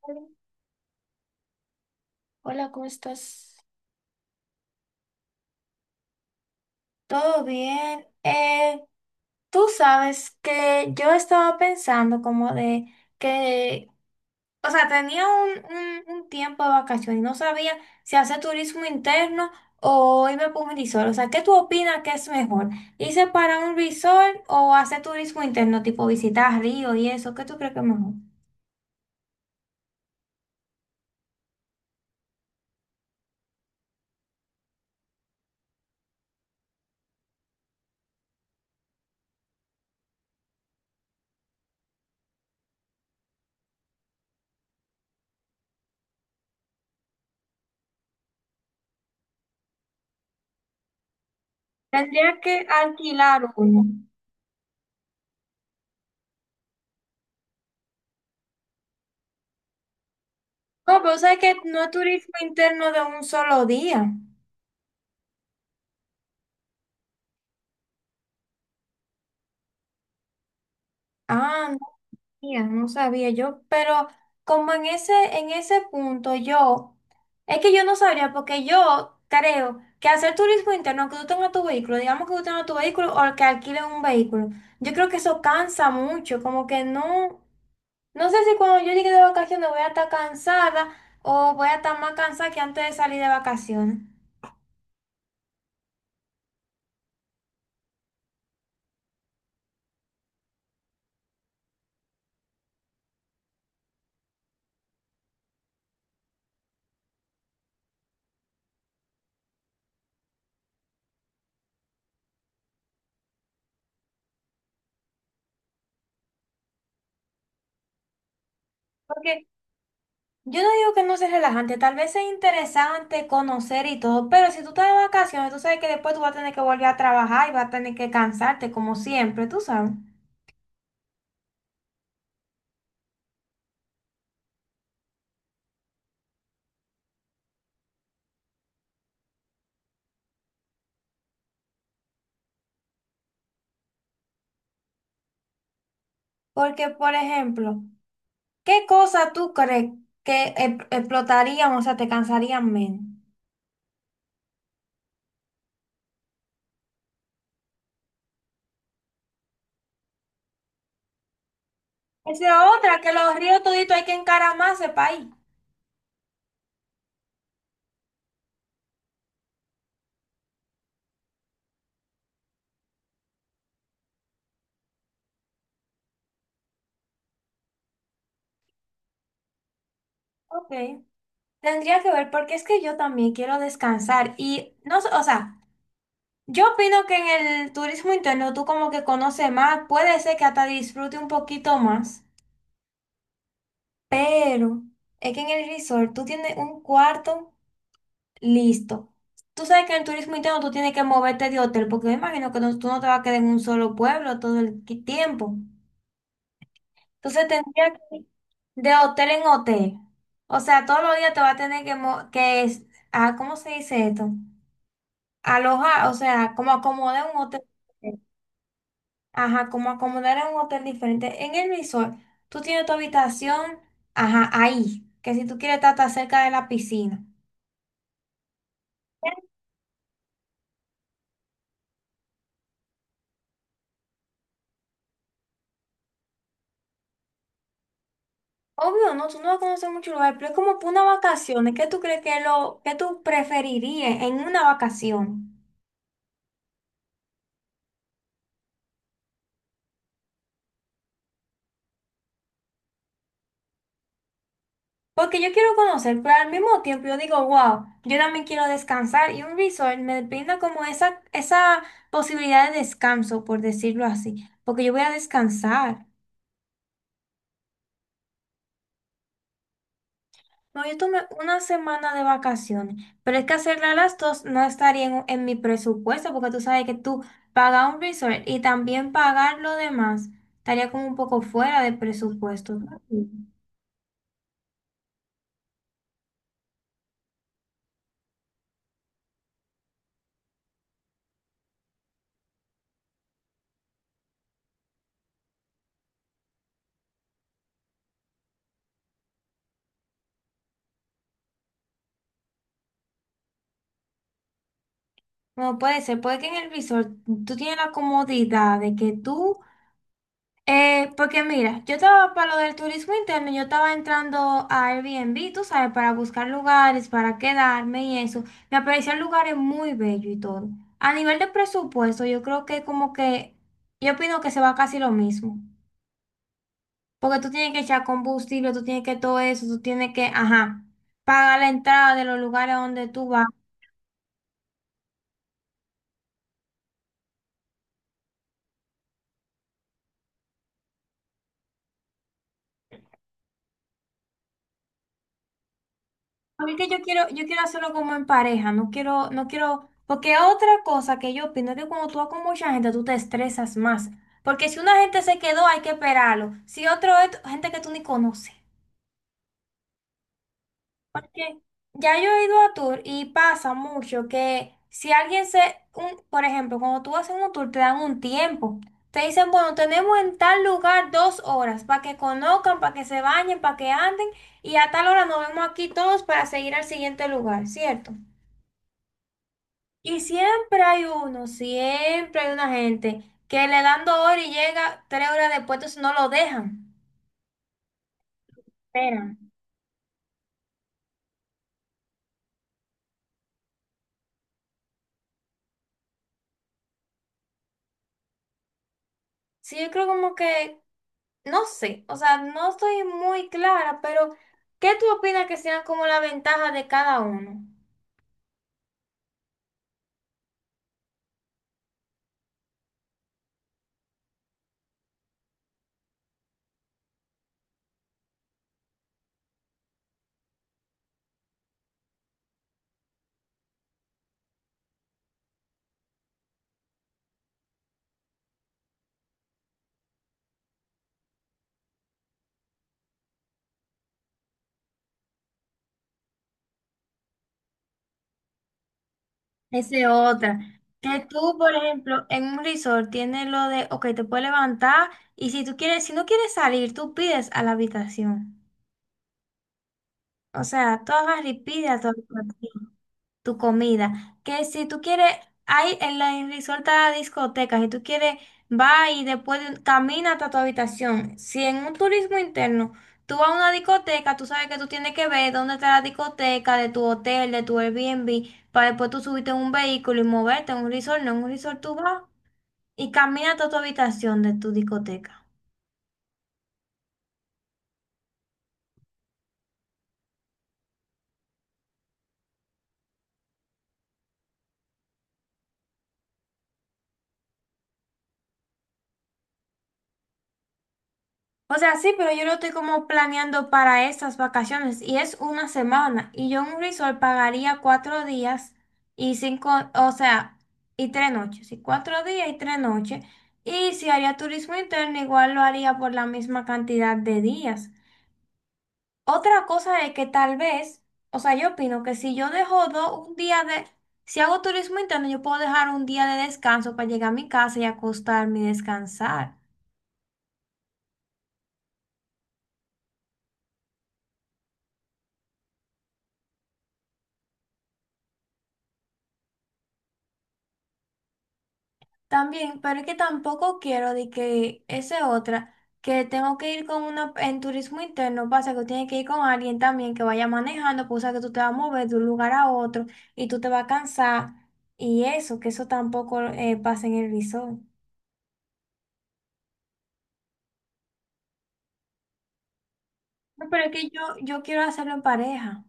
Hola, ¿cómo estás? ¿Todo bien? Tú sabes que yo estaba pensando como de que, o sea, tenía un tiempo de vacaciones y no sabía si hacer turismo interno o irme por un resort. O sea, ¿qué tú opinas que es mejor? ¿Irse para un resort o hacer turismo interno, tipo visitar ríos y eso? ¿Qué tú crees que es mejor? Tendría que alquilar uno. No, pero sabes que no es turismo interno de un solo día. Ah, ya no sabía yo, pero como en en ese punto yo, es que yo no sabría, porque yo creo que hacer turismo interno, que tú tengas tu vehículo, digamos que tú tengas tu vehículo o que alquiles un vehículo, yo creo que eso cansa mucho, como que no, no sé si cuando yo llegue de vacaciones voy a estar cansada o voy a estar más cansada que antes de salir de vacaciones. Porque yo no digo que no sea relajante, tal vez es interesante conocer y todo, pero si tú estás de vacaciones, tú sabes que después tú vas a tener que volver a trabajar y vas a tener que cansarte como siempre, tú sabes. Porque, por ejemplo, ¿qué cosa tú crees que explotarían, o sea, te cansarían menos? Esa es otra, que los ríos toditos hay que encaramarse para ahí. Ok, tendría que ver, porque es que yo también quiero descansar y no sé, o sea. Yo opino que en el turismo interno tú como que conoces más, puede ser que hasta disfrute un poquito más, pero es que en el resort tú tienes un cuarto listo. Tú sabes que en el turismo interno tú tienes que moverte de hotel, porque me imagino que tú no te vas a quedar en un solo pueblo todo el tiempo. Entonces tendría que ir de hotel en hotel. O sea, todos los días te vas a tener que, ¿cómo se dice esto? Alojar, o sea, como acomodar un hotel. Ajá, como acomodar en un hotel diferente. En el resort, tú tienes tu habitación, ajá, ahí. Que si tú quieres estar tan cerca de la piscina. Obvio, no, tú no vas a conocer mucho lugar, pero es como para una vacación. ¿Qué tú crees que es lo que tú preferirías en una vacación? Porque yo quiero conocer, pero al mismo tiempo yo digo, wow, yo también quiero descansar y un resort me brinda como esa posibilidad de descanso, por decirlo así, porque yo voy a descansar. No, yo tomé una semana de vacaciones, pero es que hacerla a las dos no estaría en mi presupuesto, porque tú sabes que tú pagas un resort y también pagar lo demás estaría como un poco fuera de presupuesto. No puede ser, puede que en el resort tú tienes la comodidad de que tú. Porque mira, yo estaba para lo del turismo interno, yo estaba entrando a Airbnb, tú sabes, para buscar lugares, para quedarme y eso. Me aparecían lugares muy bellos y todo. A nivel de presupuesto, yo creo que como que, yo opino que se va casi lo mismo. Porque tú tienes que echar combustible, tú tienes que todo eso, tú tienes que, ajá, pagar la entrada de los lugares donde tú vas. A mí que yo quiero hacerlo como en pareja, no quiero, no quiero, porque otra cosa que yo opino es que cuando tú vas con mucha gente, tú te estresas más. Porque si una gente se quedó, hay que esperarlo. Si otro es gente que tú ni conoces. Porque ya yo he ido a tour y pasa mucho que si alguien se, un, por ejemplo, cuando tú vas en un tour, te dan un tiempo. Te dicen, bueno, tenemos en tal lugar dos horas para que conozcan, para que se bañen, para que anden, y a tal hora nos vemos aquí todos para seguir al siguiente lugar, ¿cierto? Y siempre hay uno, siempre hay una gente que le dan dos horas y llega tres horas después, entonces no lo dejan. Esperan. Sí, yo creo como que, no sé, o sea, no estoy muy clara, pero ¿qué tú opinas que sean como la ventaja de cada uno? Esa es otra. Que tú, por ejemplo, en un resort tienes lo de, ok, te puedes levantar y si tú quieres, si no quieres salir, tú pides a la habitación. O sea, tú agarras y pides a tu habitación, tu comida. Que si tú quieres, hay en la en Resort hay discotecas, si tú quieres, va y camina hasta tu habitación. Si en un turismo interno tú vas a una discoteca, tú sabes que tú tienes que ver dónde está la discoteca de tu hotel, de tu Airbnb, para después tú subirte en un vehículo y moverte en un resort, no, en un resort tú vas y camina hasta tu habitación de tu discoteca. O sea, sí, pero yo lo estoy como planeando para estas vacaciones y es una semana. Y yo en un resort pagaría cuatro días y cinco, o sea, y tres noches. Y cuatro días y tres noches. Y si haría turismo interno, igual lo haría por la misma cantidad de días. Otra cosa es que tal vez, o sea, yo opino que si yo dejo un día de, si hago turismo interno, yo puedo dejar un día de descanso para llegar a mi casa y acostarme y descansar. También, pero es que tampoco quiero de que ese otra, que tengo que ir con una, en turismo interno, pasa que tiene que ir con alguien también que vaya manejando, pues o sea que tú te vas a mover de un lugar a otro y tú te vas a cansar y eso, que eso tampoco pasa en el resort. No, pero es que yo quiero hacerlo en pareja.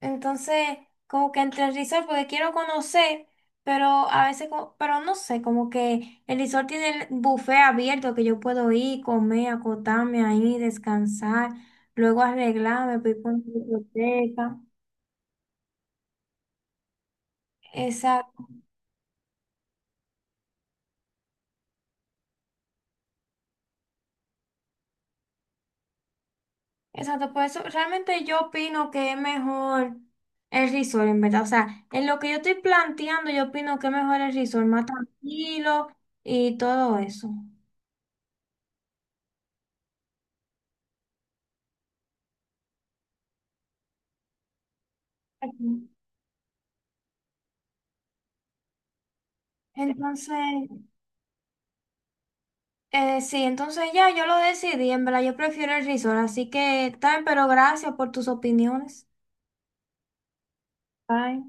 Entonces, como que entre el resort, porque quiero conocer, pero a veces, pero no sé, como que el resort tiene el buffet abierto que yo puedo ir, comer, acotarme ahí, descansar, luego arreglarme, voy con la biblioteca. Exacto, exacto, por eso realmente yo opino que es mejor el resort, en verdad. O sea, en lo que yo estoy planteando, yo opino que es mejor el resort, más tranquilo y todo eso. Ujú. Entonces, sí, entonces ya yo lo decidí, en verdad yo prefiero el risol, así que tal, pero gracias por tus opiniones. Bye.